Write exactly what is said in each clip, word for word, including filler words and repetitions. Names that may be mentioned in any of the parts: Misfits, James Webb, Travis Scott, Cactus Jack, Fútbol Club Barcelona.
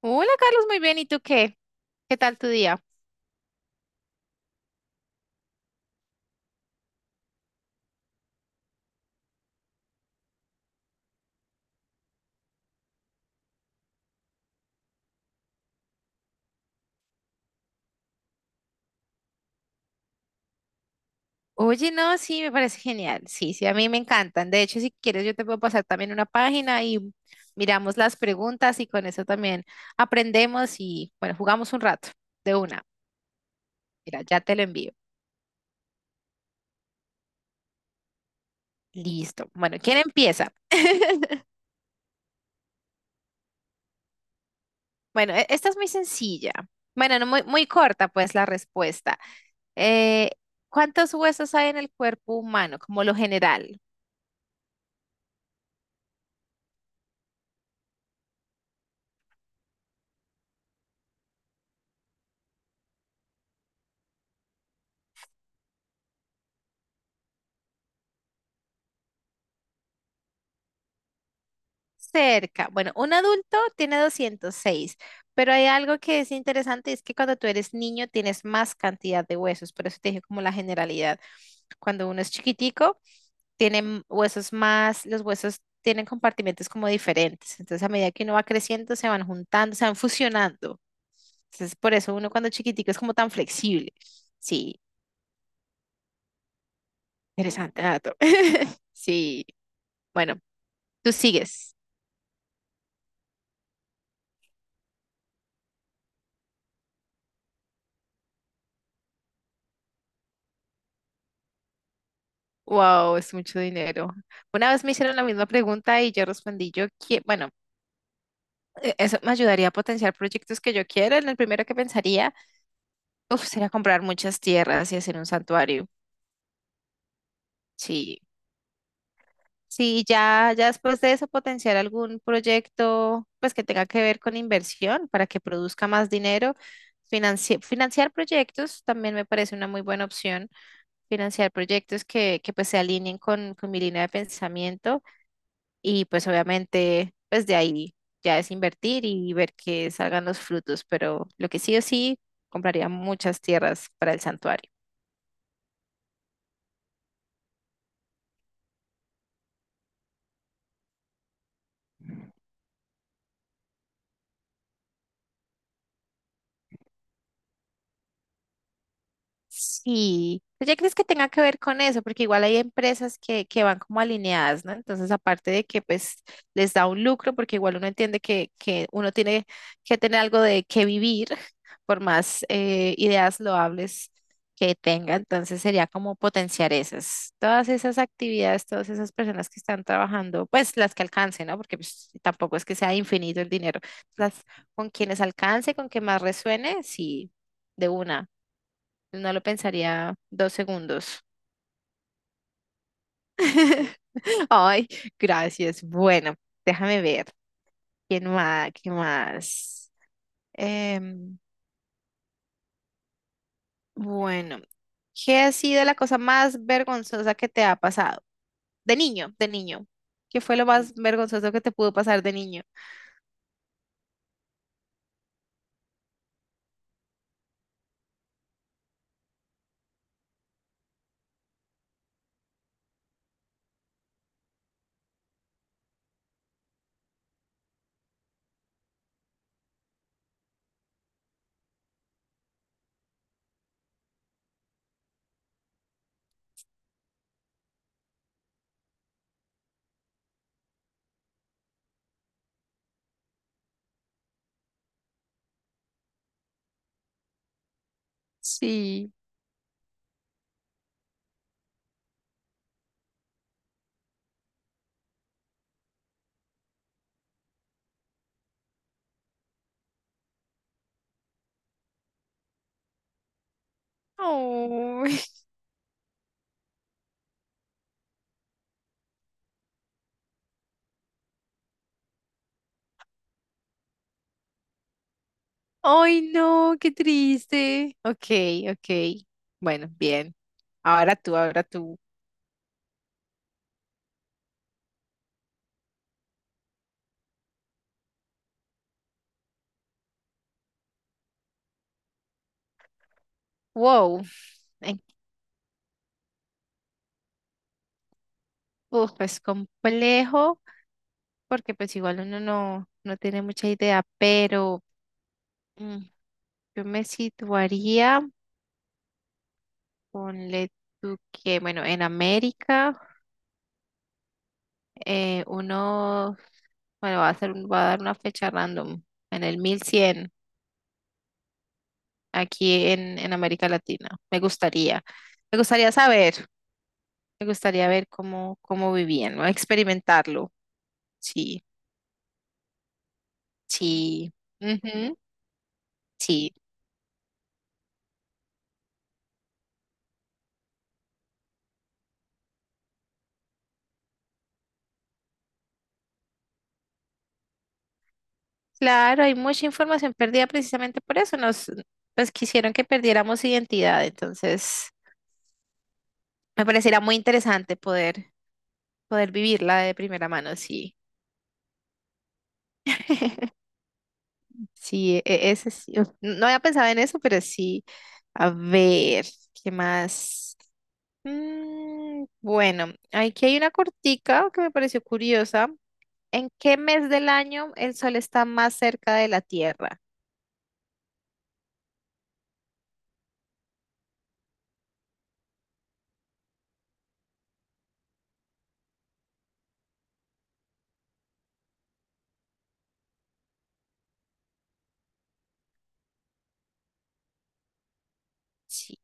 Hola Carlos, muy bien. ¿Y tú qué? ¿Qué tal tu día? Oye, no, sí, me parece genial. Sí, sí, a mí me encantan. De hecho, si quieres, yo te puedo pasar también una página y miramos las preguntas y con eso también aprendemos y, bueno, jugamos un rato de una. Mira, ya te lo envío. Listo. Bueno, ¿quién empieza? Bueno, e- esta es muy sencilla. Bueno, no, muy, muy corta, pues, la respuesta. Eh, ¿cuántos huesos hay en el cuerpo humano, como lo general? Cerca. Bueno, un adulto tiene doscientos seis, pero hay algo que es interesante, es que cuando tú eres niño tienes más cantidad de huesos, por eso te dije como la generalidad. Cuando uno es chiquitico, tienen huesos más, los huesos tienen compartimentos como diferentes, entonces a medida que uno va creciendo se van juntando, se van fusionando. Entonces, por eso uno cuando chiquitico es como tan flexible. Sí, interesante dato. Sí, bueno, tú sigues. Wow, es mucho dinero. Una vez me hicieron la misma pregunta y yo respondí, yo que, bueno, e- eso me ayudaría a potenciar proyectos que yo quiera. En el primero que pensaría, uf, sería comprar muchas tierras y hacer un santuario. Sí, sí, ya, ya después de eso potenciar algún proyecto, pues que tenga que ver con inversión para que produzca más dinero. Financi- financiar proyectos también me parece una muy buena opción. Financiar proyectos que, que pues se alineen con, con mi línea de pensamiento. Y pues obviamente, pues de ahí ya es invertir y ver que salgan los frutos, pero lo que sí o sí, compraría muchas tierras para el santuario. Sí, ¿tú ya crees que tenga que ver con eso? Porque igual hay empresas que, que van como alineadas, ¿no? Entonces, aparte de que pues les da un lucro, porque igual uno entiende que, que uno tiene que tener algo de qué vivir, por más eh, ideas loables que tenga, entonces sería como potenciar esas, todas esas actividades, todas esas personas que están trabajando, pues las que alcance, ¿no? Porque pues, tampoco es que sea infinito el dinero, las con quienes alcance, con que más resuene, sí, de una. No lo pensaría dos segundos. Ay, gracias. Bueno, déjame ver. ¿Quién más? ¿Qué más? Em, bueno, ¿qué ha sido la cosa más vergonzosa que te ha pasado? De niño, de niño. ¿Qué fue lo más vergonzoso que te pudo pasar de niño? Sí. Ay, ay, no, qué triste. Ok, ok. Bueno, bien. Ahora tú, ahora tú. Wow. en- Uf, es complejo, porque pues igual uno no, no tiene mucha idea, pero mm, yo me situaría, ponle tú que, bueno, en América, eh, uno, bueno, va a hacer, un- va a dar una fecha random, en el mil cien aquí en, en América Latina. Me gustaría, me gustaría saber, me gustaría ver cómo, cómo vivían, ¿no? Experimentarlo, sí, sí, ujú, sí. Claro, hay mucha información perdida precisamente por eso. Nos, pues quisieron que perdiéramos identidad, entonces me pareciera muy interesante poder, poder vivirla de primera mano. Sí, sí, e- ese sí. Uf, no había pensado en eso, pero sí. A ver, ¿qué más? Mm, bueno, aquí hay una cortica que me pareció curiosa. ¿En qué mes del año el sol está más cerca de la Tierra? Sí,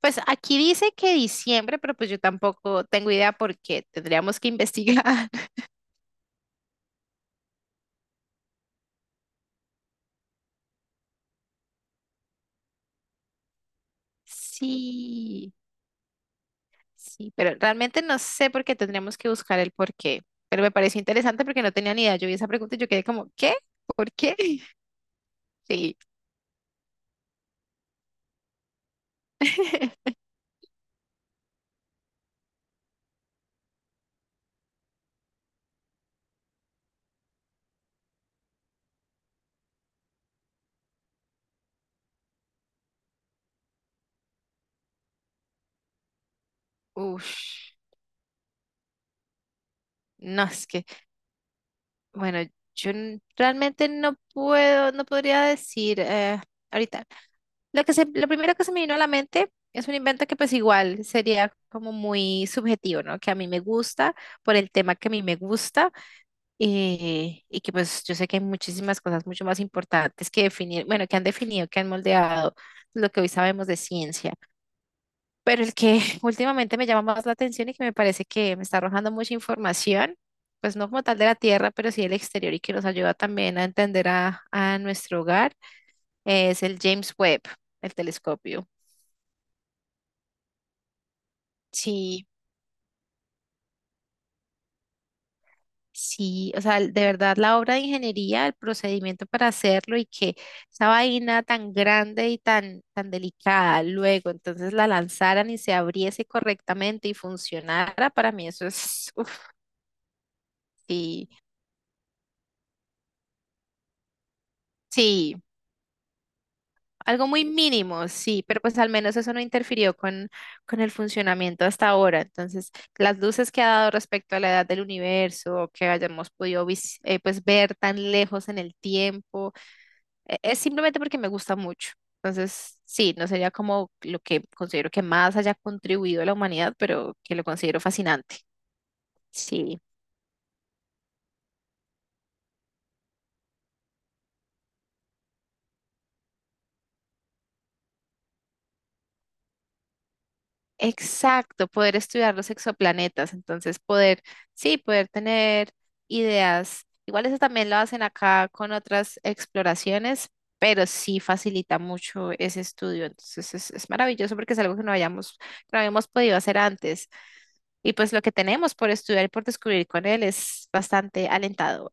pues aquí dice que diciembre, pero pues yo tampoco tengo idea porque tendríamos que investigar. Sí, sí, pero realmente no sé por qué tendríamos que buscar el por qué. Pero me pareció interesante porque no tenía ni idea. Yo vi esa pregunta y yo quedé como, ¿qué? ¿Por qué? Sí. Uf, no, es que, bueno, yo n- realmente no puedo, no podría decir eh, ahorita. Lo que se, lo primero que se me vino a la mente es un invento que pues igual sería como muy subjetivo, ¿no? Que a mí me gusta por el tema que a mí me gusta, eh, y que pues yo sé que hay muchísimas cosas mucho más importantes que definir, bueno, que han definido, que han moldeado lo que hoy sabemos de ciencia, pero el que últimamente me llama más la atención y que me parece que me está arrojando mucha información, pues no como tal de la Tierra, pero sí del exterior y que nos ayuda también a entender a, a nuestro hogar, es el James Webb, el telescopio. Sí, sí, o sea, de verdad la obra de ingeniería, el procedimiento para hacerlo y que esa vaina tan grande y tan, tan delicada luego entonces la lanzaran y se abriese correctamente y funcionara, para mí eso es, uf, sí, sí, algo muy mínimo, sí, pero pues al menos eso no interfirió con, con el funcionamiento hasta ahora. Entonces, las luces que ha dado respecto a la edad del universo, que hayamos podido vis- eh, pues ver tan lejos en el tiempo. e- Es simplemente porque me gusta mucho. Entonces, sí, no sería como lo que considero que más haya contribuido a la humanidad, pero que lo considero fascinante. Sí, exacto, poder estudiar los exoplanetas, entonces poder, sí, poder tener ideas. Igual eso también lo hacen acá con otras exploraciones, pero sí facilita mucho ese estudio. Entonces es, es maravilloso porque es algo que no hayamos, que no habíamos podido hacer antes. Y pues lo que tenemos por estudiar y por descubrir con él es bastante alentador.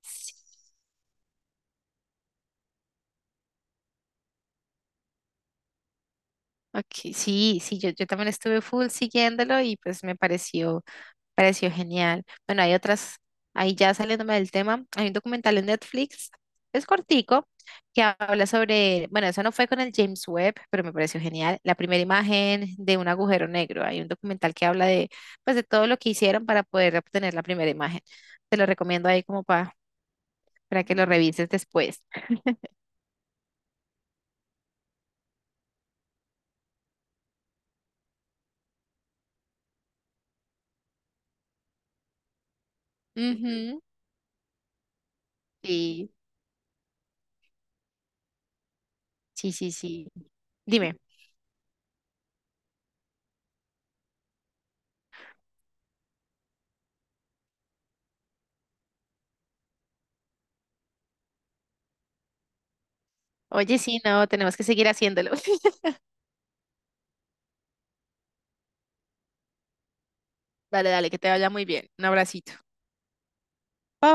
Sí. Ok, sí, sí, yo, yo también estuve full siguiéndolo y pues me pareció, pareció genial. Bueno, hay otras, ahí ya saliéndome del tema, hay un documental en Netflix, es cortico, que habla sobre, bueno, eso no fue con el James Webb, pero me pareció genial, la primera imagen de un agujero negro. Hay un documental que habla de, pues, de todo lo que hicieron para poder obtener la primera imagen. Te lo recomiendo ahí como para, para que lo revises después. Ujú, sí, sí, sí, sí. Dime. Oye, sí, no, tenemos que seguir haciéndolo. Dale, dale, que te vaya muy bien. Un abracito. Bye.